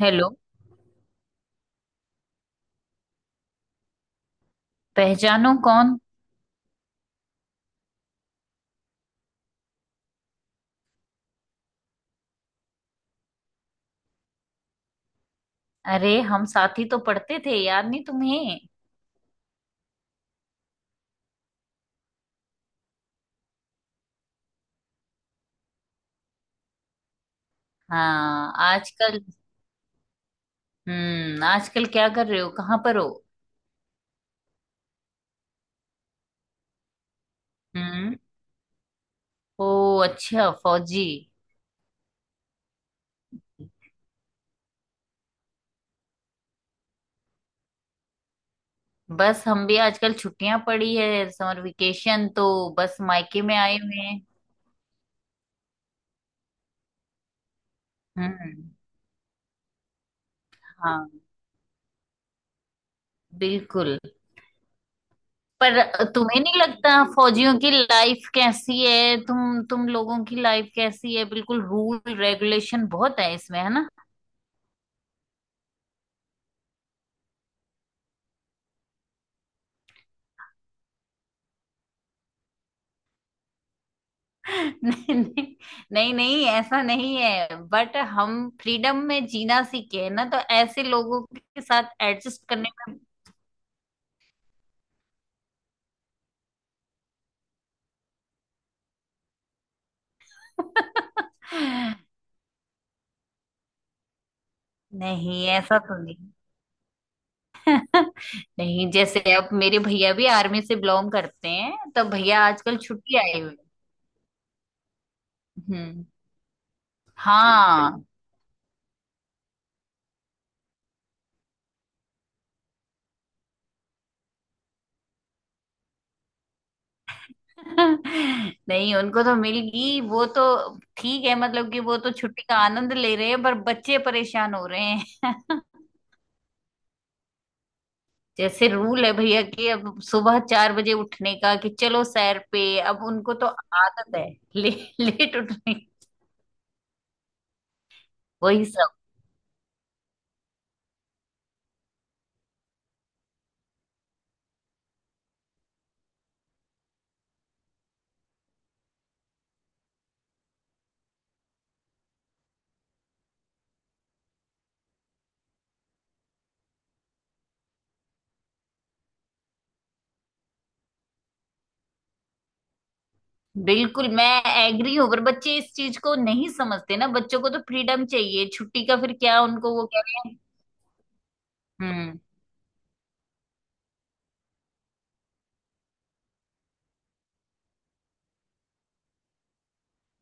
Hello. पहचानो कौन। अरे हम साथ ही तो पढ़ते थे, याद नहीं तुम्हें? हाँ, आजकल हम्म, आजकल क्या कर रहे हो, कहाँ पर हो? हम्म। ओ, अच्छा, फौजी। बस हम भी आजकल छुट्टियां पड़ी है, समर वेकेशन, तो बस मायके में आए हुए हैं। हम्म। हाँ, बिल्कुल। पर तुम्हें नहीं लगता फौजियों की लाइफ कैसी है, तुम लोगों की लाइफ कैसी है, बिल्कुल रूल रेगुलेशन बहुत है इसमें, है ना? नहीं नहीं, नहीं नहीं ऐसा नहीं है, बट हम फ्रीडम में जीना सीखे हैं ना, तो ऐसे लोगों के साथ एडजस्ट करने में। नहीं ऐसा तो नहीं। नहीं, जैसे अब मेरे भैया भी आर्मी से बिलोंग करते हैं, तो भैया आजकल छुट्टी आए हुए हैं। हम्म। हाँ। नहीं, उनको तो मिल गई, वो तो ठीक है। मतलब कि वो तो छुट्टी का आनंद ले रहे हैं, पर बच्चे परेशान हो रहे हैं। जैसे रूल है भैया कि अब सुबह 4 बजे उठने का, कि चलो सैर पे। अब उनको तो आदत है ले, लेट उठने की। वही सब। बिल्कुल मैं एग्री हूँ, पर बच्चे इस चीज को नहीं समझते ना, बच्चों को तो फ्रीडम चाहिए छुट्टी का, फिर क्या उनको, वो कह रहे हैं। हम्म।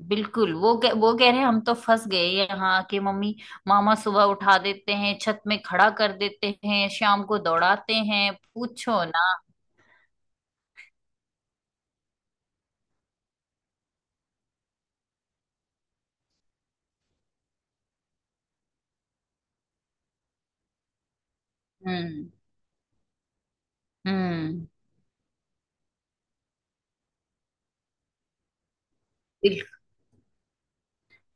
बिल्कुल, वो कह रहे हैं हम तो फंस गए यहाँ के, मम्मी मामा सुबह उठा देते हैं, छत में खड़ा कर देते हैं, शाम को दौड़ाते हैं, पूछो ना। हम्म हम्म।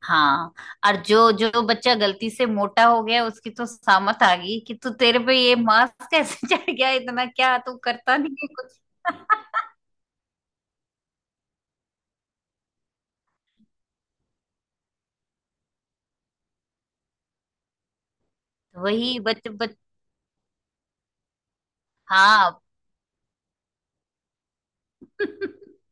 हाँ। और जो जो बच्चा गलती से मोटा हो गया उसकी तो सामत आ गई, कि तू, तेरे पे ये मास्क कैसे चढ़ गया इतना, क्या तू करता नहीं है कुछ? वही बच बच हाँ।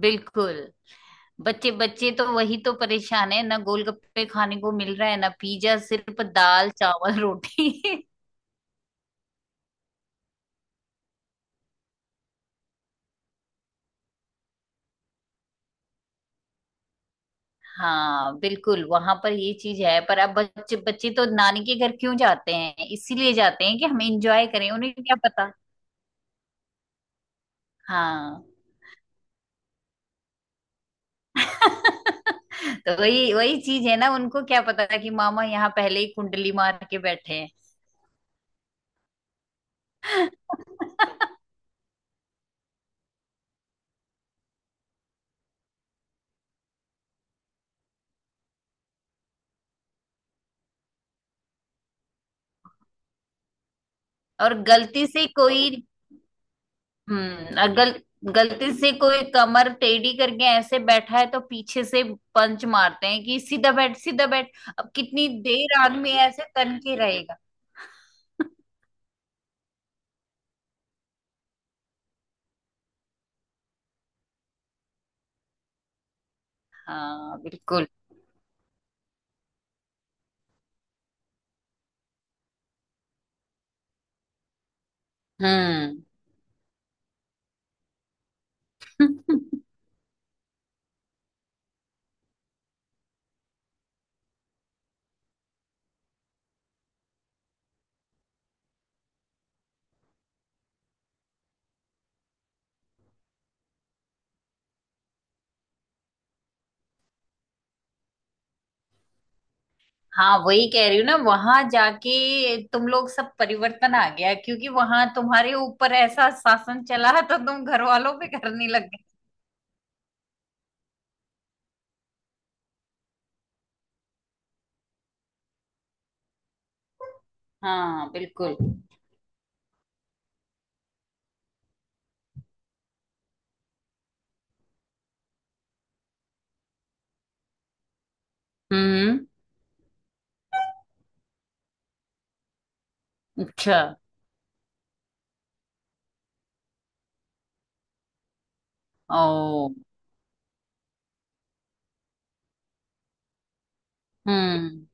बिल्कुल। बच्चे, बच्चे तो वही तो परेशान है ना, गोलगप्पे खाने को मिल रहा है ना पिज्जा, सिर्फ दाल चावल रोटी। हाँ बिल्कुल, वहां पर ये चीज है। पर अब बच्चे, बच्चे तो नानी के घर क्यों जाते हैं, इसीलिए जाते हैं कि हम एंजॉय करें, उन्हें क्या पता। हाँ। तो वही वही चीज है ना, उनको क्या पता था कि मामा यहाँ पहले ही कुंडली मार के बैठे हैं। और गलती से कोई, हम्म, और गलती से कोई कमर टेढ़ी करके ऐसे बैठा है तो पीछे से पंच मारते हैं कि सीधा बैठ, सीधा बैठ। अब कितनी देर आदमी ऐसे तन के रहेगा? हाँ बिल्कुल। हम्म। हाँ वही कह रही हूँ ना, वहां जाके तुम लोग सब परिवर्तन आ गया, क्योंकि वहां तुम्हारे ऊपर ऐसा शासन चला तो तुम घर वालों पे करने लग गए। हाँ बिल्कुल। हम्म। अच्छा। ओ। हम्म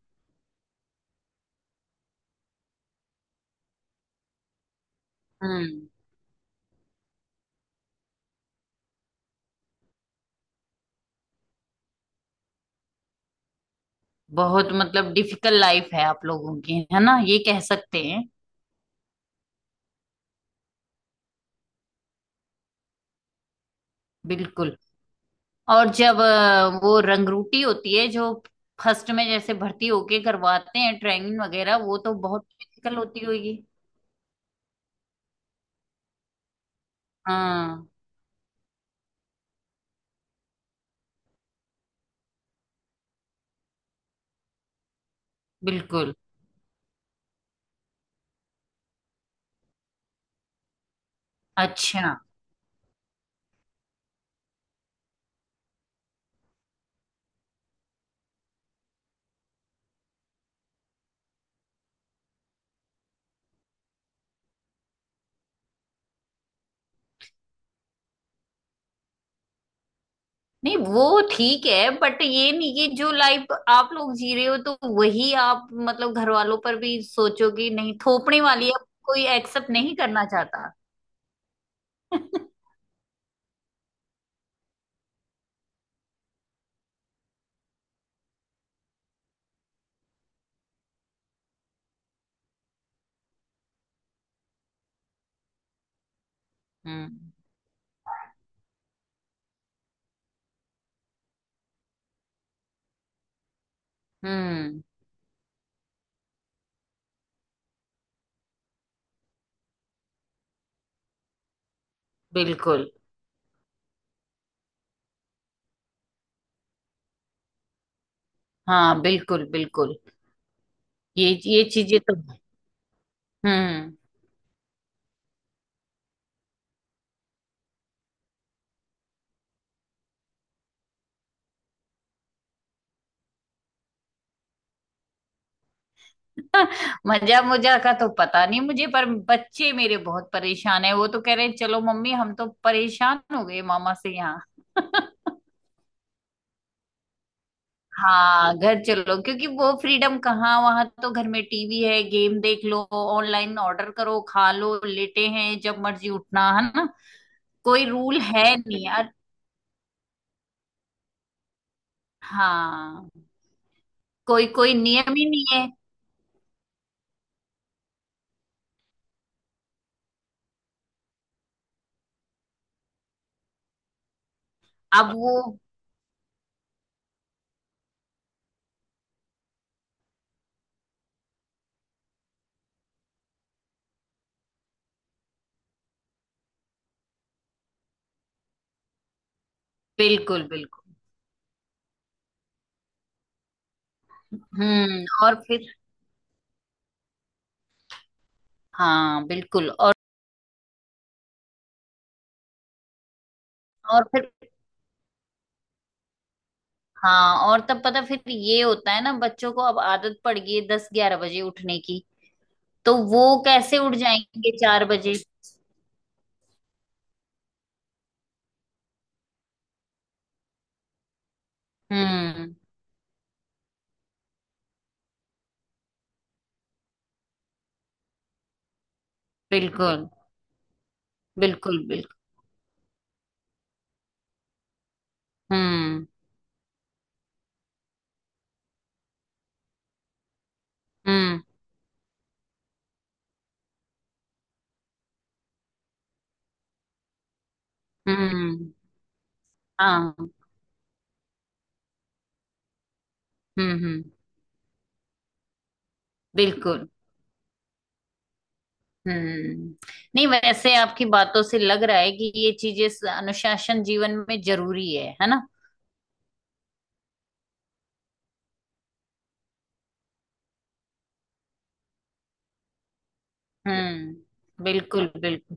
हम्म। बहुत मतलब डिफिकल्ट लाइफ है आप लोगों की, है ना, ये कह सकते हैं। बिल्कुल। और जब वो रंगरूटी होती है जो फर्स्ट में जैसे भर्ती होके करवाते हैं ट्रेनिंग वगैरह, वो तो बहुत डिफिकल्ट होती होगी। हाँ बिल्कुल। अच्छा। नहीं वो ठीक है, बट ये नहीं कि जो लाइफ आप लोग जी रहे हो तो वही आप मतलब घर वालों पर भी सोचो, कि नहीं, थोपने वाली है, कोई एक्सेप्ट नहीं करना चाहता। हम्म हम्म। बिल्कुल। हाँ बिल्कुल बिल्कुल। ये ये चीजें तो हम्म। मजा मुजा का तो पता नहीं मुझे, पर बच्चे मेरे बहुत परेशान है, वो तो कह रहे हैं चलो मम्मी, हम तो परेशान हो गए मामा से यहाँ। हाँ घर चलो, क्योंकि वो फ्रीडम कहाँ, वहां तो घर में टीवी है, गेम देख लो, ऑनलाइन ऑर्डर करो खा लो, लेटे हैं जब मर्जी, उठना है ना। कोई रूल है नहीं यार। हाँ, कोई, कोई नियम ही नहीं है। अब वो बिल्कुल बिल्कुल। हम्म। और फिर, हाँ बिल्कुल, और फिर हाँ, और तब पता फिर ये होता है ना बच्चों को, अब आदत पड़ गई है 10 11 बजे उठने की, तो वो कैसे उठ जाएंगे 4 बजे? हम्म। बिल्कुल बिल्कुल बिल्कुल। हम्म हम्म हम्म। हाँ। हम्म। बिल्कुल। हम्म। नहीं वैसे आपकी बातों से लग रहा है कि ये चीजें अनुशासन जीवन में जरूरी है ना? हम्म। बिल्कुल बिल्कुल।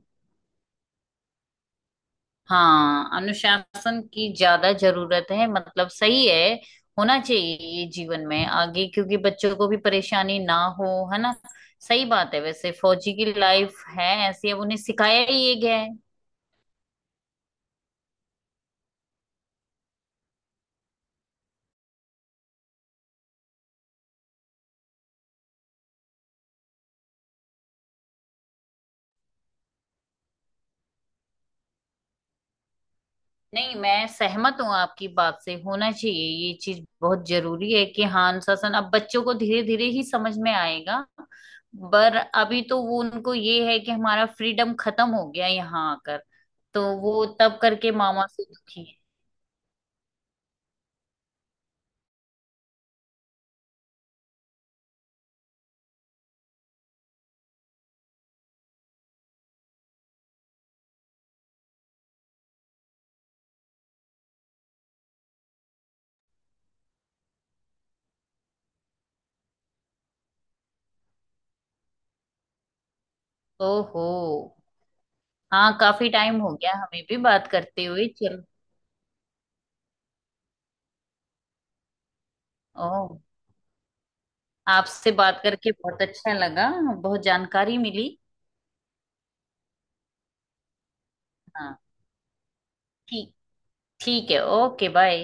हाँ अनुशासन की ज्यादा जरूरत है, मतलब सही है, होना चाहिए ये जीवन में आगे, क्योंकि बच्चों को भी परेशानी ना हो, है ना। सही बात है वैसे, फौजी की लाइफ है ऐसी, अब उन्हें सिखाया ही ये गया है। नहीं मैं सहमत हूँ आपकी बात से, होना चाहिए ये चीज बहुत जरूरी है कि हाँ अनुशासन। अब बच्चों को धीरे धीरे ही समझ में आएगा, पर अभी तो वो उनको ये है कि हमारा फ्रीडम खत्म हो गया यहाँ आकर, तो वो तब करके मामा से दुखी है। ओहो। हाँ काफी टाइम हो गया, हमें भी बात करते हुए, चल। ओह। आपसे बात करके बहुत अच्छा लगा, बहुत जानकारी मिली। हाँ। ठीक, ठीक है, ओके बाय।